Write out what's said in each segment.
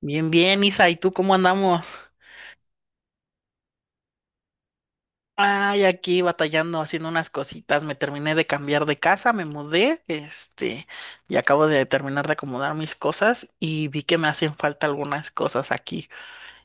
Bien, bien, Isa, ¿y tú cómo andamos? Ay, aquí batallando, haciendo unas cositas. Me terminé de cambiar de casa, me mudé, y acabo de terminar de acomodar mis cosas y vi que me hacen falta algunas cosas aquí.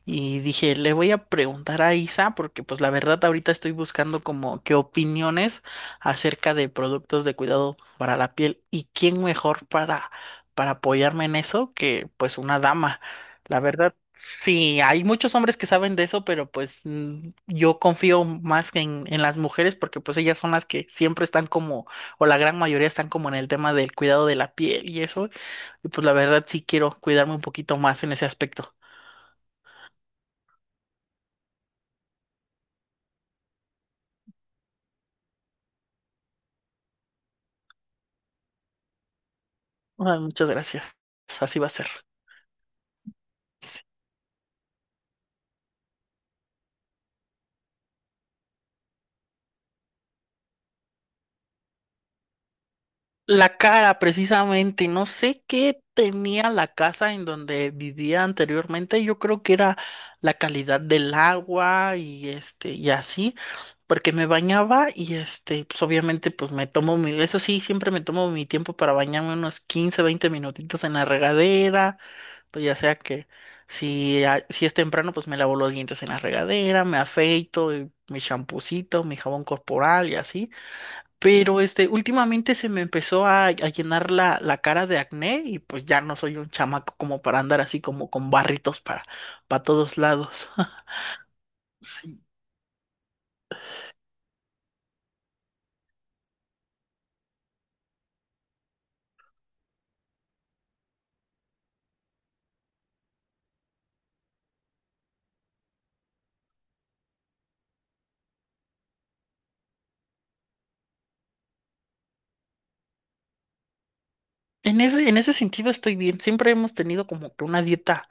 Y dije, le voy a preguntar a Isa porque pues la verdad ahorita estoy buscando como qué opiniones acerca de productos de cuidado para la piel y quién mejor para apoyarme en eso que pues una dama. La verdad, sí, hay muchos hombres que saben de eso, pero pues yo confío más en las mujeres porque pues ellas son las que siempre están como o la gran mayoría están como en el tema del cuidado de la piel y eso. Y pues la verdad sí quiero cuidarme un poquito más en ese aspecto. Ay, muchas gracias. Así va a ser. Sí. La cara, precisamente, no sé qué tenía la casa en donde vivía anteriormente. Yo creo que era la calidad del agua y y así, porque me bañaba y pues obviamente, pues me tomo eso sí, siempre me tomo mi tiempo para bañarme unos 15 20 minutitos en la regadera, pues ya sea que si, si es temprano, pues me lavo los dientes en la regadera, me afeito, y mi champucito, mi jabón corporal y así. Pero últimamente se me empezó a llenar la cara de acné y pues ya no soy un chamaco como para andar así como con barritos para todos lados. Sí. En ese sentido estoy bien. Siempre hemos tenido como que una dieta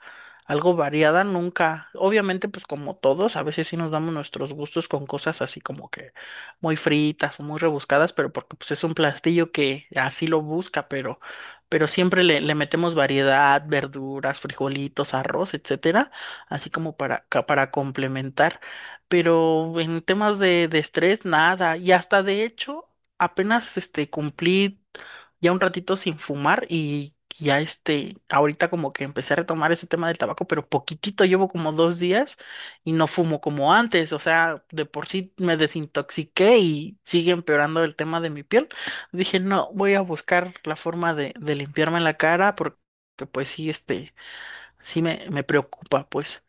algo variada, nunca. Obviamente, pues como todos, a veces sí nos damos nuestros gustos con cosas así como que muy fritas o muy rebuscadas, pero porque pues es un plastillo que así lo busca, pero siempre le metemos variedad, verduras, frijolitos, arroz, etcétera, así como para, para complementar. Pero en temas de estrés, nada. Y hasta de hecho, apenas cumplí ya un ratito sin fumar y ya ahorita como que empecé a retomar ese tema del tabaco, pero poquitito, llevo como 2 días y no fumo como antes, o sea, de por sí me desintoxiqué y sigue empeorando el tema de mi piel. Dije, no, voy a buscar la forma de limpiarme la cara porque pues sí, sí me preocupa, pues.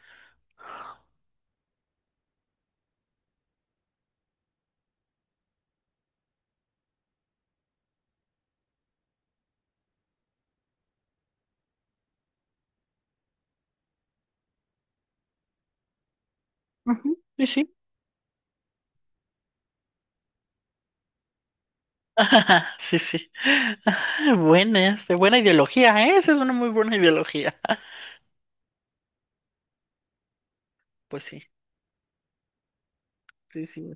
Ujú, sí, sí. Sí, sí. Buena, buena ideología, ¿eh? Esa es una muy buena ideología. Pues sí, sí, sí.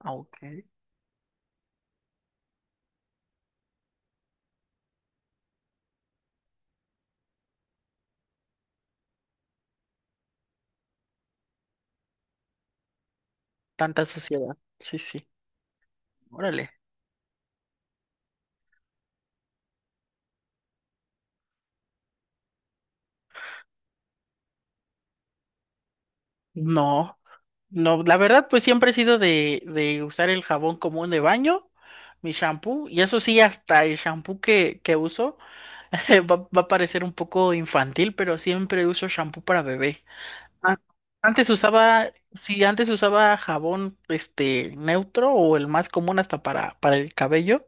Ah, ok. Tanta sociedad. Sí, sí. Órale. No, no, la verdad, pues siempre he sido de usar el jabón común de baño, mi shampoo, y eso sí, hasta el shampoo que uso va, va a parecer un poco infantil, pero siempre uso shampoo para bebé. A- Antes usaba, sí, antes usaba jabón neutro o el más común hasta para el cabello.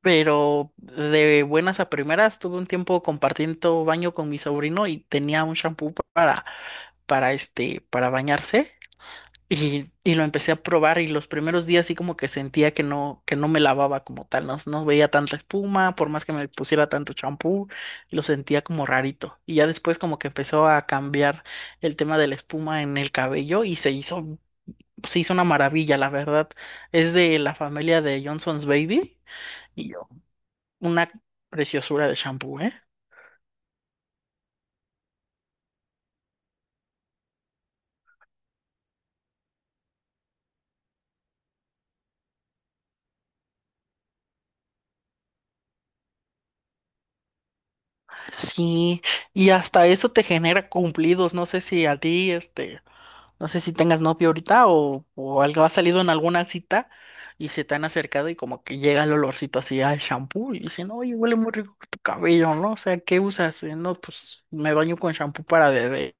Pero de buenas a primeras tuve un tiempo compartiendo baño con mi sobrino y tenía un shampoo para para bañarse y lo empecé a probar y los primeros días sí como que sentía que no me lavaba como tal, no, no veía tanta espuma, por más que me pusiera tanto shampoo, lo sentía como rarito. Y ya después como que empezó a cambiar el tema de la espuma en el cabello y se hizo una maravilla, la verdad. Es de la familia de Johnson's Baby, una preciosura de shampoo, ¿eh? Sí, y hasta eso te genera cumplidos. No sé si a ti, no sé si tengas novio ahorita o algo ha salido en alguna cita y se te han acercado y como que llega el olorcito así al shampoo y dicen, oye, huele muy rico tu cabello, ¿no? O sea, ¿qué usas? No, pues me baño con shampoo para bebé.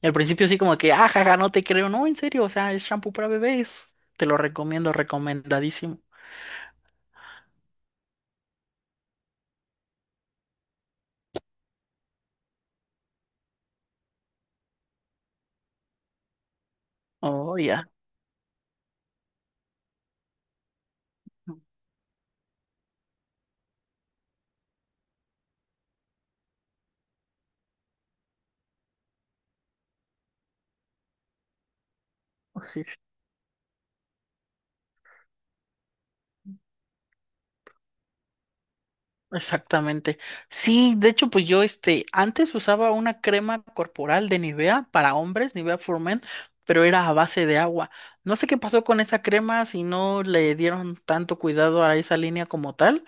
Y al principio sí como que, ah, jaja, no te creo. No, en serio, o sea, es shampoo para bebés. Te lo recomiendo, recomendadísimo. Oh, ya. Oh, sí. Exactamente. Sí, de hecho, pues yo antes usaba una crema corporal de Nivea para hombres, Nivea for Men, pero era a base de agua. No sé qué pasó con esa crema, si no le dieron tanto cuidado a esa línea como tal,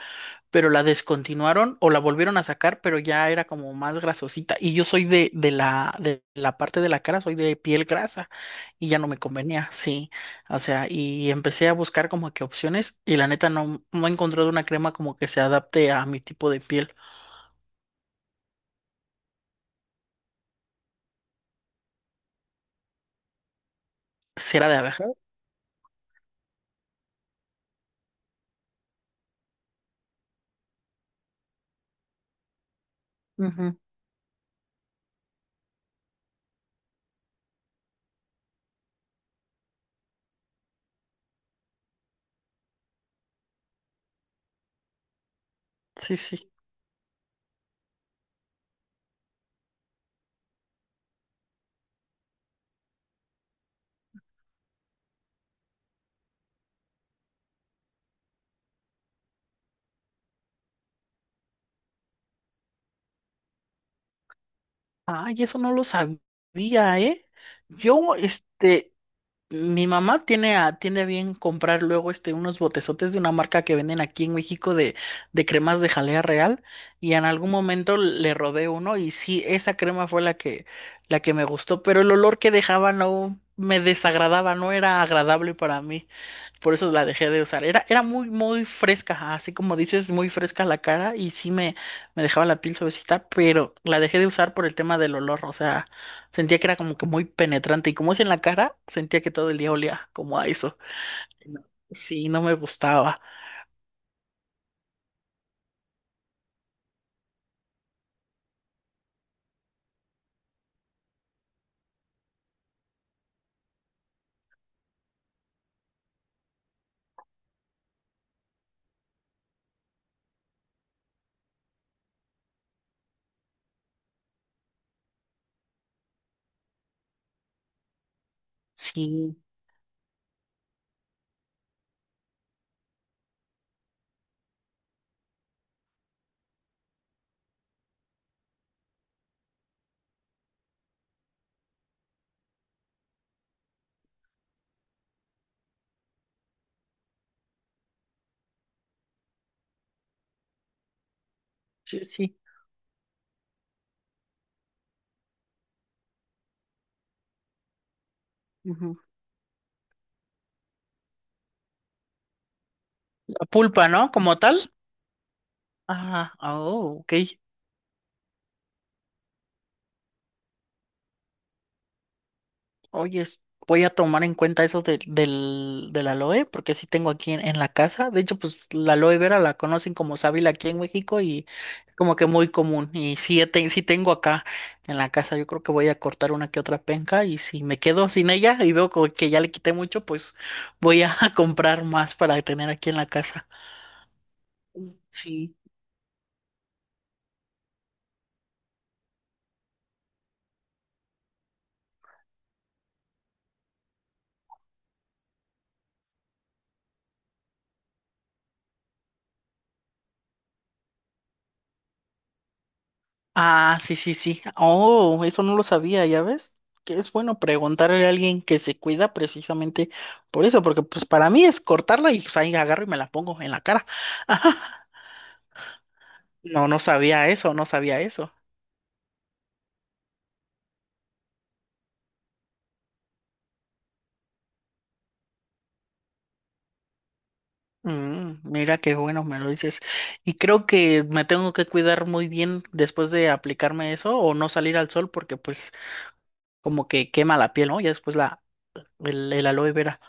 pero la descontinuaron o la volvieron a sacar, pero ya era como más grasosita. Y yo soy de, de la parte de la cara, soy de piel grasa y ya no me convenía, sí. O sea, y empecé a buscar como que opciones y la neta no, no he encontrado una crema como que se adapte a mi tipo de piel. Cera de abeja. Ujú, sí, sí. Ay, eso no lo sabía, ¿eh? Yo, este, mi mamá tiene a, tiene a bien comprar luego unos botezotes de una marca que venden aquí en México de cremas de jalea real y en algún momento le robé uno y sí, esa crema fue la que me gustó, pero el olor que dejaba no me desagradaba, no era agradable para mí, por eso la dejé de usar. Era, era muy, muy fresca, así como dices, muy fresca la cara y sí me dejaba la piel suavecita, pero la dejé de usar por el tema del olor, o sea... Sentía que era como que muy penetrante y como es en la cara, sentía que todo el día olía como a eso. No, sí, no me gustaba. Sí, sí, sí. Ujú. La pulpa, ¿no? Como tal. Ah, oh, ok. Oye, voy a tomar en cuenta eso del, del aloe, porque sí tengo aquí en la casa. De hecho, pues la aloe vera la conocen como sábila aquí en México y es como que muy común. Y sí, sí tengo acá en la casa. Yo creo que voy a cortar una que otra penca y si me quedo sin ella y veo como que ya le quité mucho, pues voy a comprar más para tener aquí en la casa. Sí. Ah, sí, sí, sí. Oh, eso no lo sabía, ¿ya ves? Que es bueno preguntarle a alguien que se cuida precisamente por eso, porque pues para mí es cortarla y pues ahí agarro y me la pongo en la cara. No, no sabía eso, no sabía eso. Mm, mira qué bueno me lo dices. Y creo que me tengo que cuidar muy bien después de aplicarme eso o no salir al sol porque pues como que quema la piel, ¿no? Ya después la el aloe vera.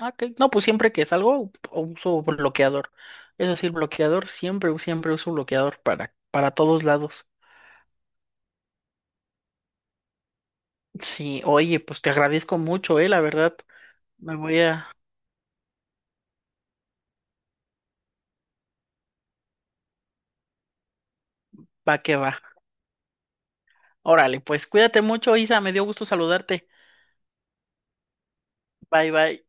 Ah, ok. No, pues siempre que salgo uso bloqueador. Es decir, bloqueador, siempre, siempre uso bloqueador para todos lados. Sí, oye, pues te agradezco mucho, la verdad. Me voy a... Va que va. Órale, pues cuídate mucho, Isa, me dio gusto saludarte. Bye, bye.